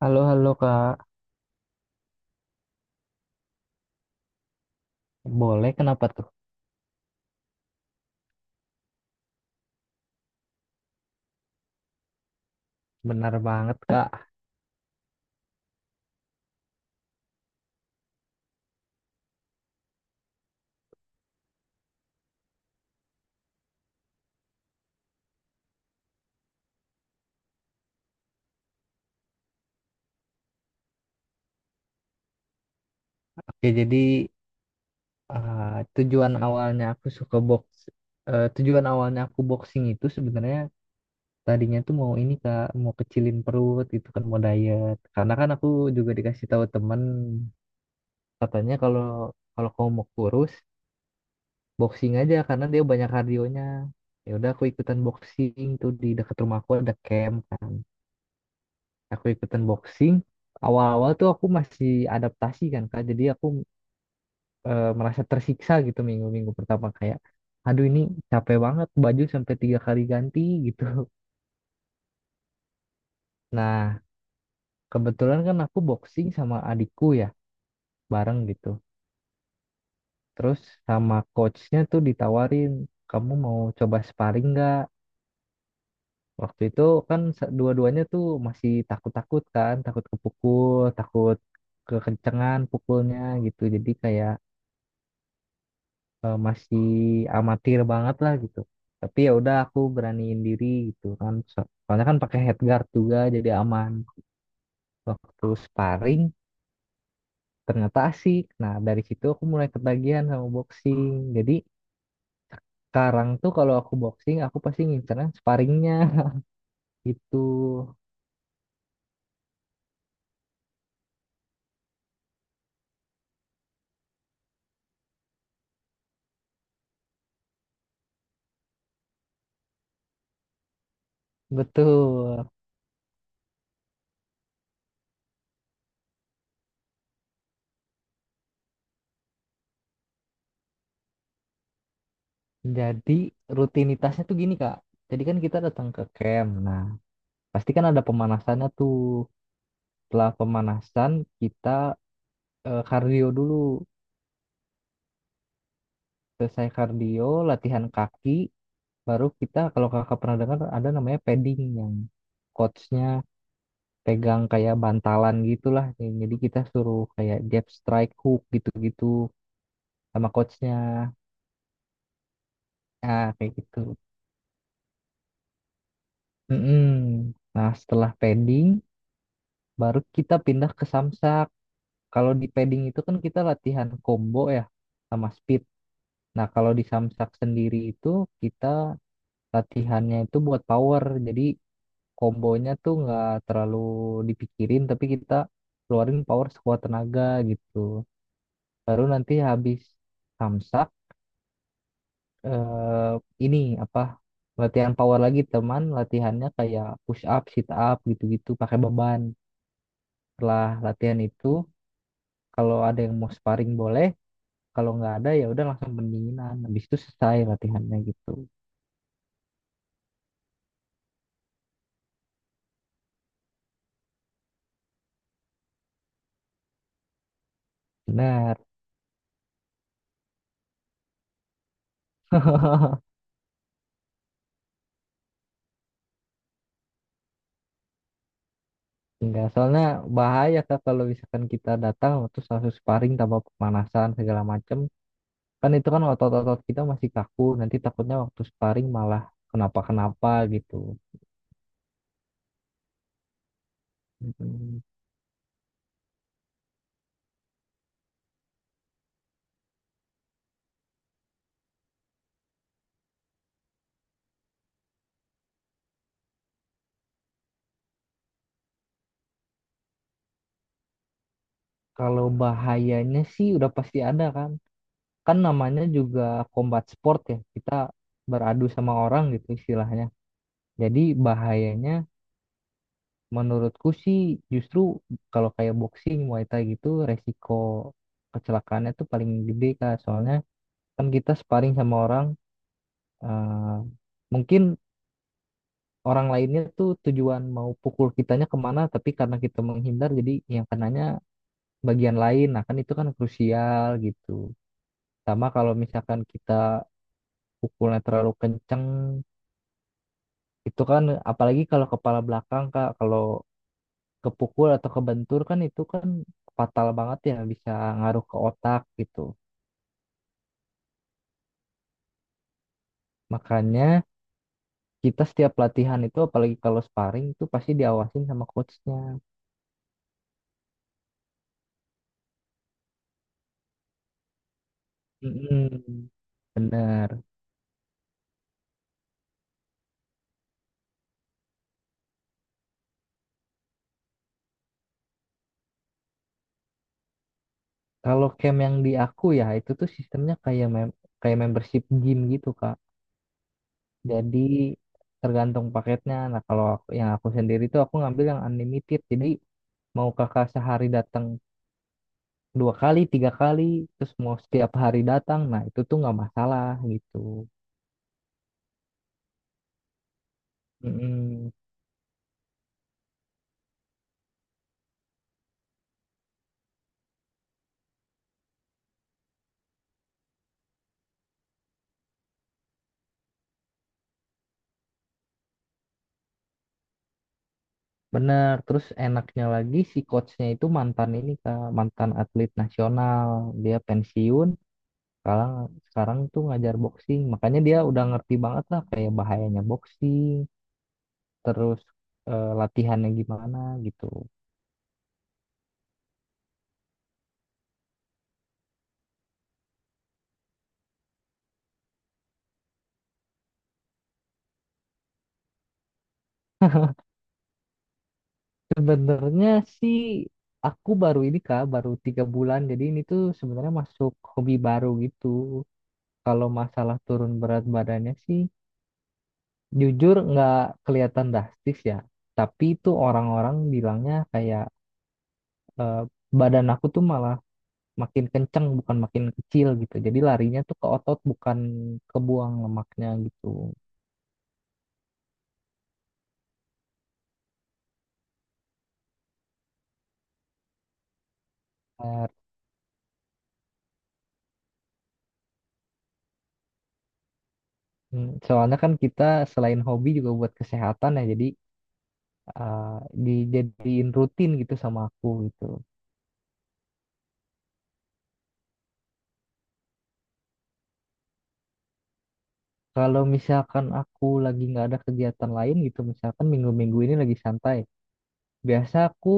Halo, halo Kak. Boleh, kenapa tuh? Benar banget, Kak. Oke, jadi, eh, tujuan awalnya aku suka box, tujuan awalnya aku boxing itu sebenarnya tadinya tuh mau ini Kak, mau kecilin perut gitu kan, mau diet. Karena kan aku juga dikasih tahu temen, katanya kalau kalau kamu mau kurus, boxing aja karena dia banyak kardionya. Ya udah aku ikutan boxing tuh di dekat rumahku ada camp kan. Aku ikutan boxing awal-awal tuh aku masih adaptasi kan kak, jadi aku merasa tersiksa gitu minggu-minggu pertama kayak aduh ini capek banget, baju sampai tiga kali ganti gitu. Nah, kebetulan kan aku boxing sama adikku ya, bareng gitu, terus sama coachnya tuh ditawarin kamu mau coba sparring nggak. Waktu itu kan dua-duanya tuh masih takut-takut kan, takut kepukul, takut kekencengan pukulnya gitu, jadi kayak masih amatir banget lah gitu. Tapi ya udah aku beraniin diri gitu kan. Soalnya kan pakai headguard juga, jadi aman. Waktu sparring ternyata asik. Nah, dari situ aku mulai ketagihan sama boxing. Jadi sekarang tuh kalau aku boxing aku pasti ngincernya sparringnya gitu. Betul. Jadi rutinitasnya tuh gini Kak. Jadi kan kita datang ke camp. Nah, pasti kan ada pemanasannya tuh. Setelah pemanasan kita kardio dulu. Selesai kardio, latihan kaki, baru kita kalau kakak pernah dengar ada namanya padding yang coachnya pegang kayak bantalan gitulah. Jadi kita suruh kayak jab strike hook gitu-gitu sama coachnya. Ah, kayak gitu. Mm-mm. Nah, setelah padding, baru kita pindah ke samsak. Kalau di padding itu kan kita latihan combo ya sama speed. Nah, kalau di samsak sendiri itu kita latihannya itu buat power. Jadi kombonya tuh nggak terlalu dipikirin, tapi kita keluarin power sekuat tenaga gitu. Baru nanti habis samsak eh, ini apa, latihan power lagi, teman latihannya kayak push up sit up gitu-gitu pakai beban. Setelah latihan itu, kalau ada yang mau sparring boleh. Kalau nggak ada ya udah langsung pendinginan, habis itu selesai latihannya gitu. Benar. Enggak, soalnya bahaya kak kalau misalkan kita datang terus langsung sparring tanpa pemanasan segala macem. Kan itu kan otot-otot kita masih kaku, nanti takutnya waktu sparring malah kenapa-kenapa gitu. Mm, Kalau bahayanya sih udah pasti ada kan. Kan namanya juga combat sport ya, kita beradu sama orang gitu istilahnya. Jadi bahayanya menurutku sih justru kalau kayak boxing, Muay Thai gitu resiko kecelakaannya tuh paling gede kak. Soalnya kan kita sparring sama orang, eh, mungkin orang lainnya tuh tujuan mau pukul kitanya kemana, tapi karena kita menghindar jadi yang kenanya bagian lain. Nah kan itu kan krusial gitu. Sama kalau misalkan kita pukulnya terlalu kenceng, itu kan apalagi kalau kepala belakang kak, kalau kepukul atau kebentur kan itu kan fatal banget ya, bisa ngaruh ke otak gitu. Makanya kita setiap latihan itu apalagi kalau sparring itu pasti diawasin sama coachnya. Mm-mm. Benar. Kalau camp yang di aku ya itu tuh sistemnya kayak membership gym gitu Kak. Jadi tergantung paketnya. Nah kalau aku- yang aku sendiri tuh aku ngambil yang unlimited. Jadi mau kakak sehari datang dua kali, tiga kali, terus mau setiap hari datang, nah itu tuh nggak masalah gitu. Mm-mm. Benar. Terus enaknya lagi si coachnya itu mantan ini Kak, mantan atlet nasional. Dia pensiun. Sekarang sekarang tuh ngajar boxing, makanya dia udah ngerti banget lah kayak bahayanya boxing, terus latihannya gimana gitu. Sebenarnya sih aku baru ini kak, baru 3 bulan, jadi ini tuh sebenarnya masuk hobi baru gitu. Kalau masalah turun berat badannya sih jujur nggak kelihatan drastis ya, tapi itu orang-orang bilangnya kayak eh, badan aku tuh malah makin kenceng bukan makin kecil gitu, jadi larinya tuh ke otot bukan ke buang lemaknya gitu. Benar. Soalnya kan kita selain hobi juga buat kesehatan ya, jadi eh, dijadiin rutin gitu sama aku gitu. Kalau misalkan aku lagi nggak ada kegiatan lain gitu, misalkan minggu-minggu ini lagi santai, biasa aku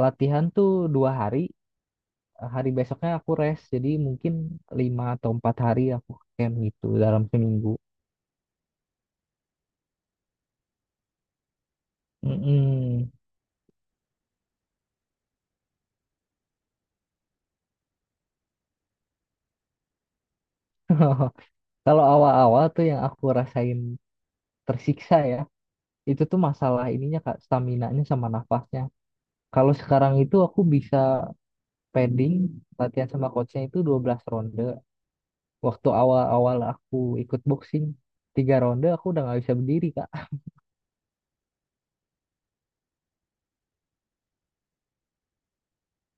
latihan tuh 2 hari, hari besoknya aku rest, jadi mungkin 5 atau 4 hari aku camp gitu dalam seminggu. Mm-mm. Kalau awal-awal tuh yang aku rasain tersiksa ya, itu tuh masalah ininya Kak, staminanya sama nafasnya. Kalau sekarang itu aku bisa padding, latihan sama coachnya itu 12 ronde. Waktu awal-awal aku ikut boxing, 3 ronde aku udah nggak bisa berdiri Kak.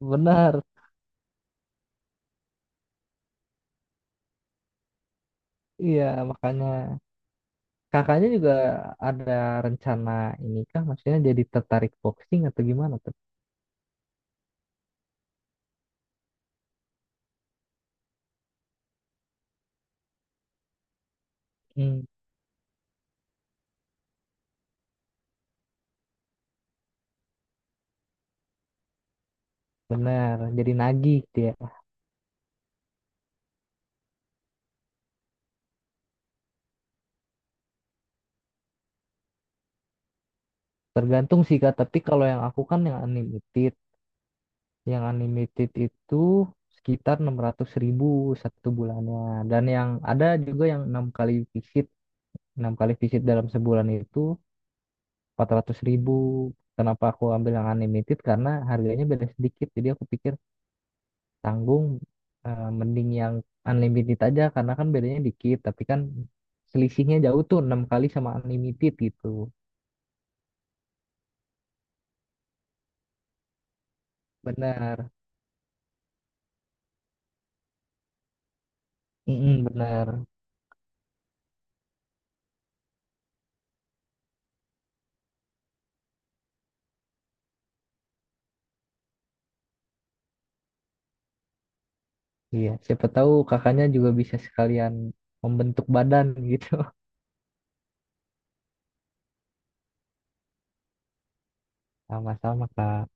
Benar, iya makanya. Kakaknya juga ada rencana ini kah? Maksudnya jadi tertarik boxing atau gimana tuh? Hmm, Benar, jadi nagih dia. Tergantung sih Kak, tapi kalau yang aku kan yang unlimited. Yang unlimited itu sekitar 600.000 satu bulannya. Dan yang ada juga yang 6 kali visit. 6 kali visit dalam sebulan itu 400.000. Kenapa aku ambil yang unlimited? Karena harganya beda sedikit. Jadi aku pikir tanggung, mending yang unlimited aja karena kan bedanya dikit. Tapi kan selisihnya jauh tuh 6 kali sama unlimited gitu. Benar. Mm-mm, benar. Iya, siapa tahu kakaknya juga bisa sekalian membentuk badan gitu. Sama-sama, Kak.